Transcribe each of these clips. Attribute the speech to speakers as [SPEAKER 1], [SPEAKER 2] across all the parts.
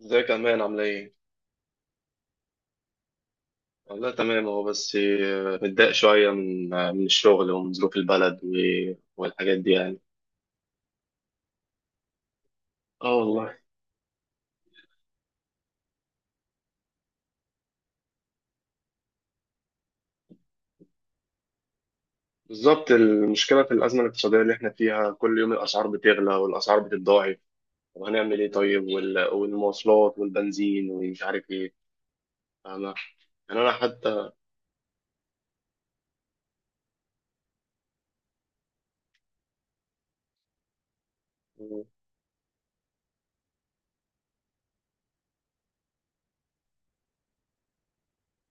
[SPEAKER 1] ازيك يا امان؟ عامله ايه؟ والله تمام. هو بس متضايق شويه من الشغل ومن ظروف البلد والحاجات دي يعني. اه والله. بالظبط، المشكله في الازمه الاقتصاديه اللي احنا فيها كل يوم الاسعار بتغلى والاسعار بتتضاعف. طب هنعمل ايه؟ طيب والمواصلات والبنزين ومش عارف ايه. فاهمه؟ يعني انا حتى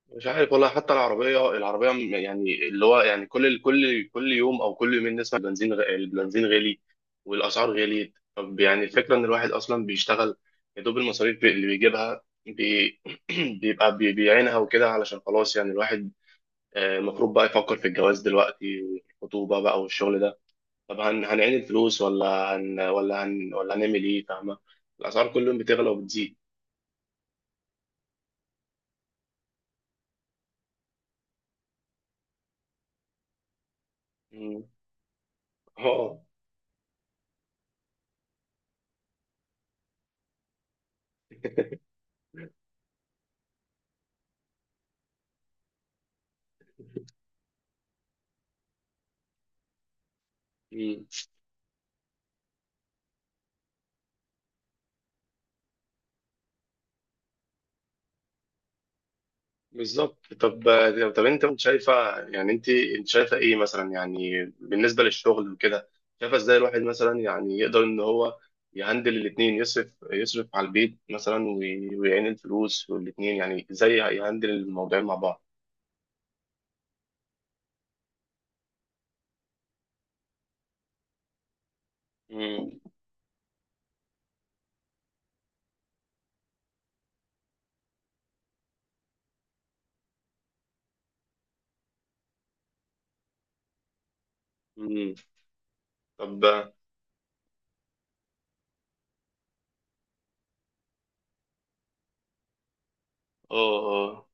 [SPEAKER 1] مش عارف والله. حتى يعني اللي هو يعني كل يوم أو كل يومين نسمع البنزين غالي والأسعار غليت. طب يعني الفكرة إن الواحد أصلا بيشتغل يا دوب المصاريف اللي بيجيبها بيعينها وكده، علشان خلاص يعني الواحد المفروض بقى يفكر في الجواز دلوقتي، والخطوبة بقى والشغل ده. طب هنعين الفلوس ولا هنعمل إيه؟ فاهمة؟ الأسعار كل يوم بتغلى وبتزيد. مم. اه. بالظبط. طب انت كنت شايفه؟ يعني انت شايفه ايه مثلا يعني بالنسبه للشغل وكده؟ شايفه ازاي الواحد مثلا يعني يقدر ان هو يهندل الاثنين، يصرف على البيت مثلا ويعين الفلوس والاثنين. يعني ازاي يهندل الموضوعين مع بعض؟ امم. امم. طب. اه. اه.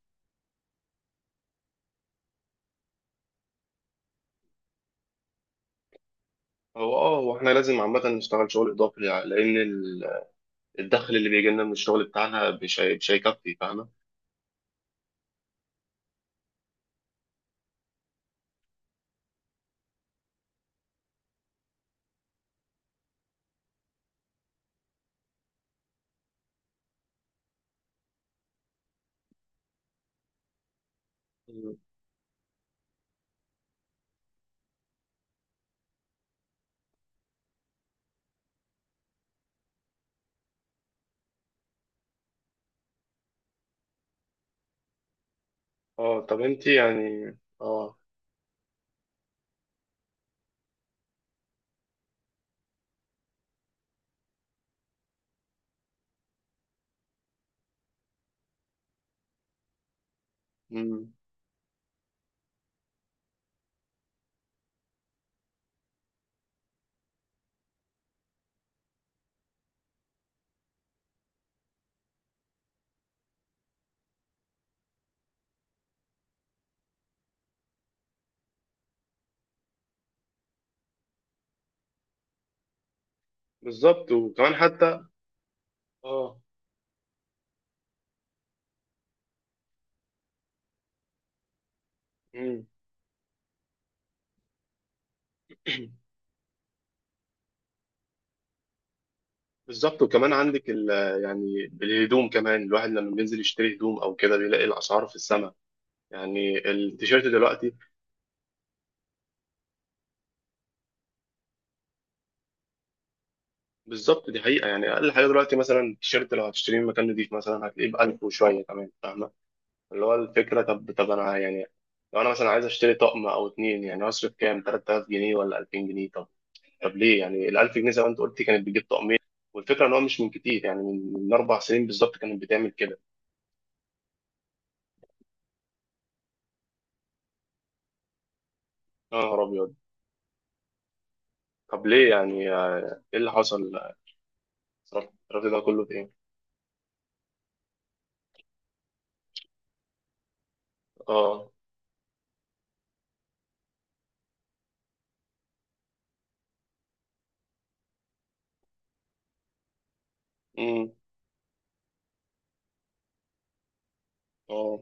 [SPEAKER 1] هو احنا لازم عامه نشتغل شغل اضافي الدخل اللي بيجي لنا من الشغل بتاعنا مش هيكفي. فاهمه؟ مم. اه طب انت يعني. اه بالظبط، وكمان حتى. اه. مم. بالظبط، وكمان عندك يعني الهدوم كمان. الواحد لما بينزل يشتري هدوم او كده بيلاقي الاسعار في السماء. يعني التيشيرت دلوقتي. بالظبط، دي حقيقه. يعني اقل حاجه دلوقتي مثلا التيشيرت لو هتشتريه من مكان نضيف مثلا هتلاقيه ب 1000 وشويه كمان. فاهمه؟ اللي هو الفكره. طب انا يعني لو انا مثلا عايز اشتري طقم او اتنين، يعني هصرف كام؟ 3000 جنيه ولا 2000 جنيه؟ طب ليه يعني ال 1000 جنيه زي ما انت قلت كانت بتجيب طقمين؟ والفكره ان هو مش من كتير، يعني من 4 سنين بالظبط كانت بتعمل كده. يا نهار ابيض. طب ليه؟ يعني ايه اللي حصل؟ الرفض ده كله في ايه؟ اه. امم. اه.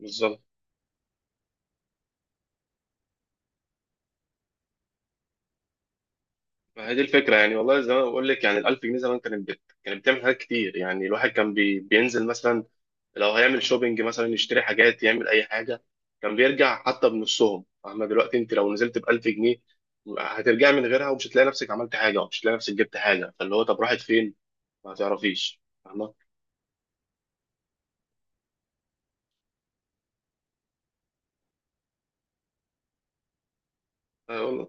[SPEAKER 1] بالظبط. ما هي دي الفكره. يعني والله زي ما بقول لك يعني ال 1000 جنيه زمان كانت بتعمل حاجات كتير. يعني الواحد كان بينزل مثلا لو هيعمل شوبينج مثلا، يشتري حاجات، يعمل اي حاجه كان بيرجع حتى بنصهم. اما دلوقتي انت لو نزلت ب 1000 جنيه هترجع من غيرها ومش هتلاقي نفسك عملت حاجه ومش هتلاقي نفسك جبت حاجه. فاللي هو طب راحت فين؟ ما تعرفيش. فاهمه؟ اه والله.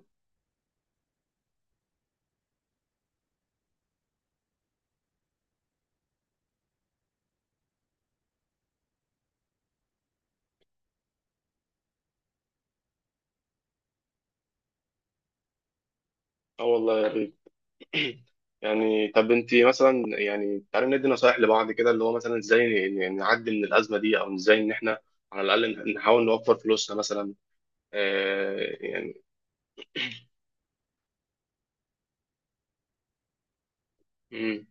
[SPEAKER 1] اه والله يا بيه. يعني طب انت مثلا، يعني تعالي ندي نصايح لبعض كده، اللي هو مثلا ازاي نعدي من الازمه دي، او ازاي ان احنا على الاقل نحاول نوفر فلوسنا مثلا؟ يعني. مم.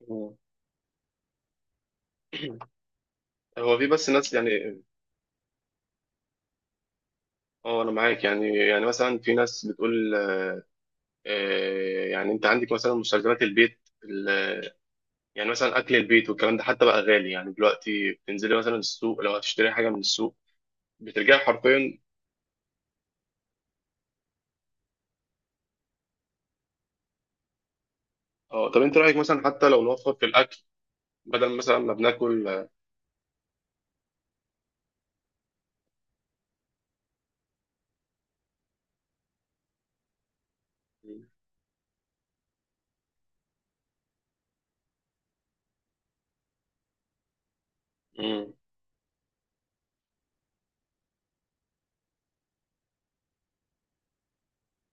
[SPEAKER 1] مم. هو في بس ناس يعني. اه انا معاك. يعني مثلا في ناس بتقول. يعني انت عندك مثلا مستلزمات البيت يعني مثلا اكل البيت والكلام ده حتى بقى غالي. يعني دلوقتي بتنزلي مثلا السوق، لو هتشتري حاجه من السوق بترجعي حرفيا. اه طب انت رايك مثلا حتى لو نوفر في الاكل، بدل مثلا ما بناكل. آه، امم.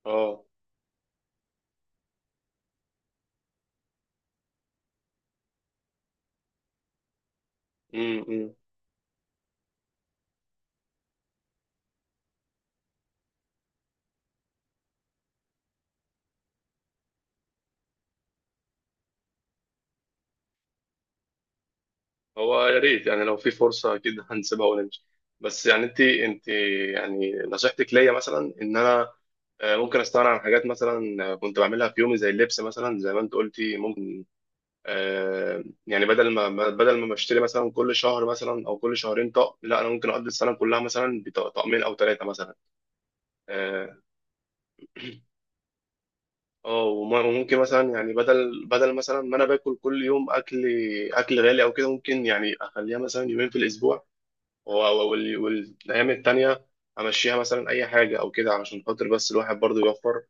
[SPEAKER 1] اه. امم. أمم. هو يا ريت، يعني لو في فرصه اكيد هنسيبها ونمشي. بس يعني انت يعني نصيحتك ليا مثلا ان انا ممكن استغنى عن حاجات مثلا، كنت بعملها في يومي زي اللبس مثلا. زي ما انت قلتي ممكن يعني بدل بدل ما بشتري مثلا كل شهر مثلا او كل شهرين طقم، لا انا ممكن اقضي السنه كلها مثلا بطقمين او ثلاثه مثلا. اه وممكن مثلا، يعني بدل مثلا ما انا باكل كل يوم اكل، اكل غالي او كده، ممكن يعني اخليها مثلا يومين في الاسبوع والايام التانية امشيها مثلا اي حاجه او كده، علشان خاطر بس الواحد برضه يوفر.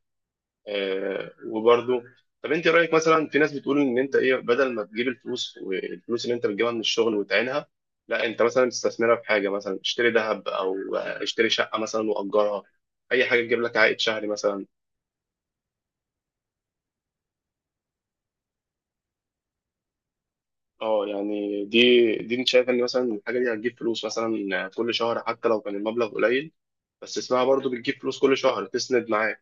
[SPEAKER 1] وبرضه. طب انت رايك مثلا في ناس بتقول ان انت ايه، بدل ما تجيب الفلوس والفلوس اللي انت بتجيبها من الشغل وتعينها، لا انت مثلا تستثمرها في حاجه مثلا اشتري ذهب او اشتري شقه مثلا واجرها، اي حاجه تجيب لك عائد شهري مثلا. اه، يعني دي انت شايف ان مثلا الحاجه دي هتجيب فلوس مثلا كل شهر، حتى لو كان المبلغ قليل بس اسمها برضه بتجيب فلوس كل شهر تسند معاك؟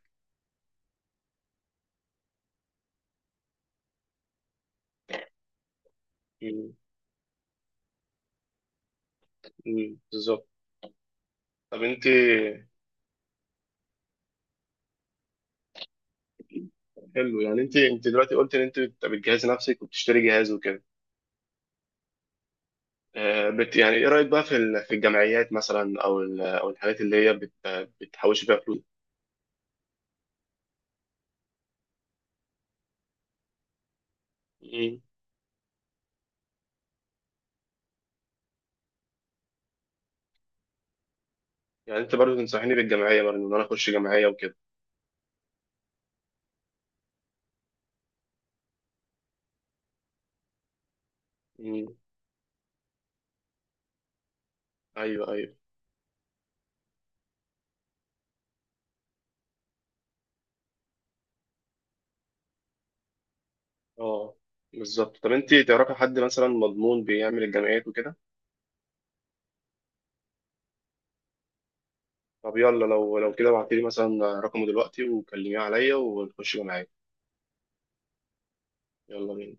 [SPEAKER 1] مم، بالظبط. طب انت. حلو. يعني انت دلوقتي قلت ان انت بتجهزي نفسك وبتشتري جهاز وكده، يعني ايه رايك بقى في في الجمعيات مثلا، او او الحاجات اللي هي بتحوش بيها فلوس؟ مم. يعني انت برضو تنصحيني بالجمعيه، برضو ان انا اخش جمعيه وكده؟ مم. ايوه، ايوه. اه. بالظبط. طب انت تعرفي حد مثلا مضمون بيعمل الجمعيات وكده؟ طب يلا لو كده ابعتي لي مثلا رقمه دلوقتي وكلميه عليا ونخش جمعيه. يلا بينا.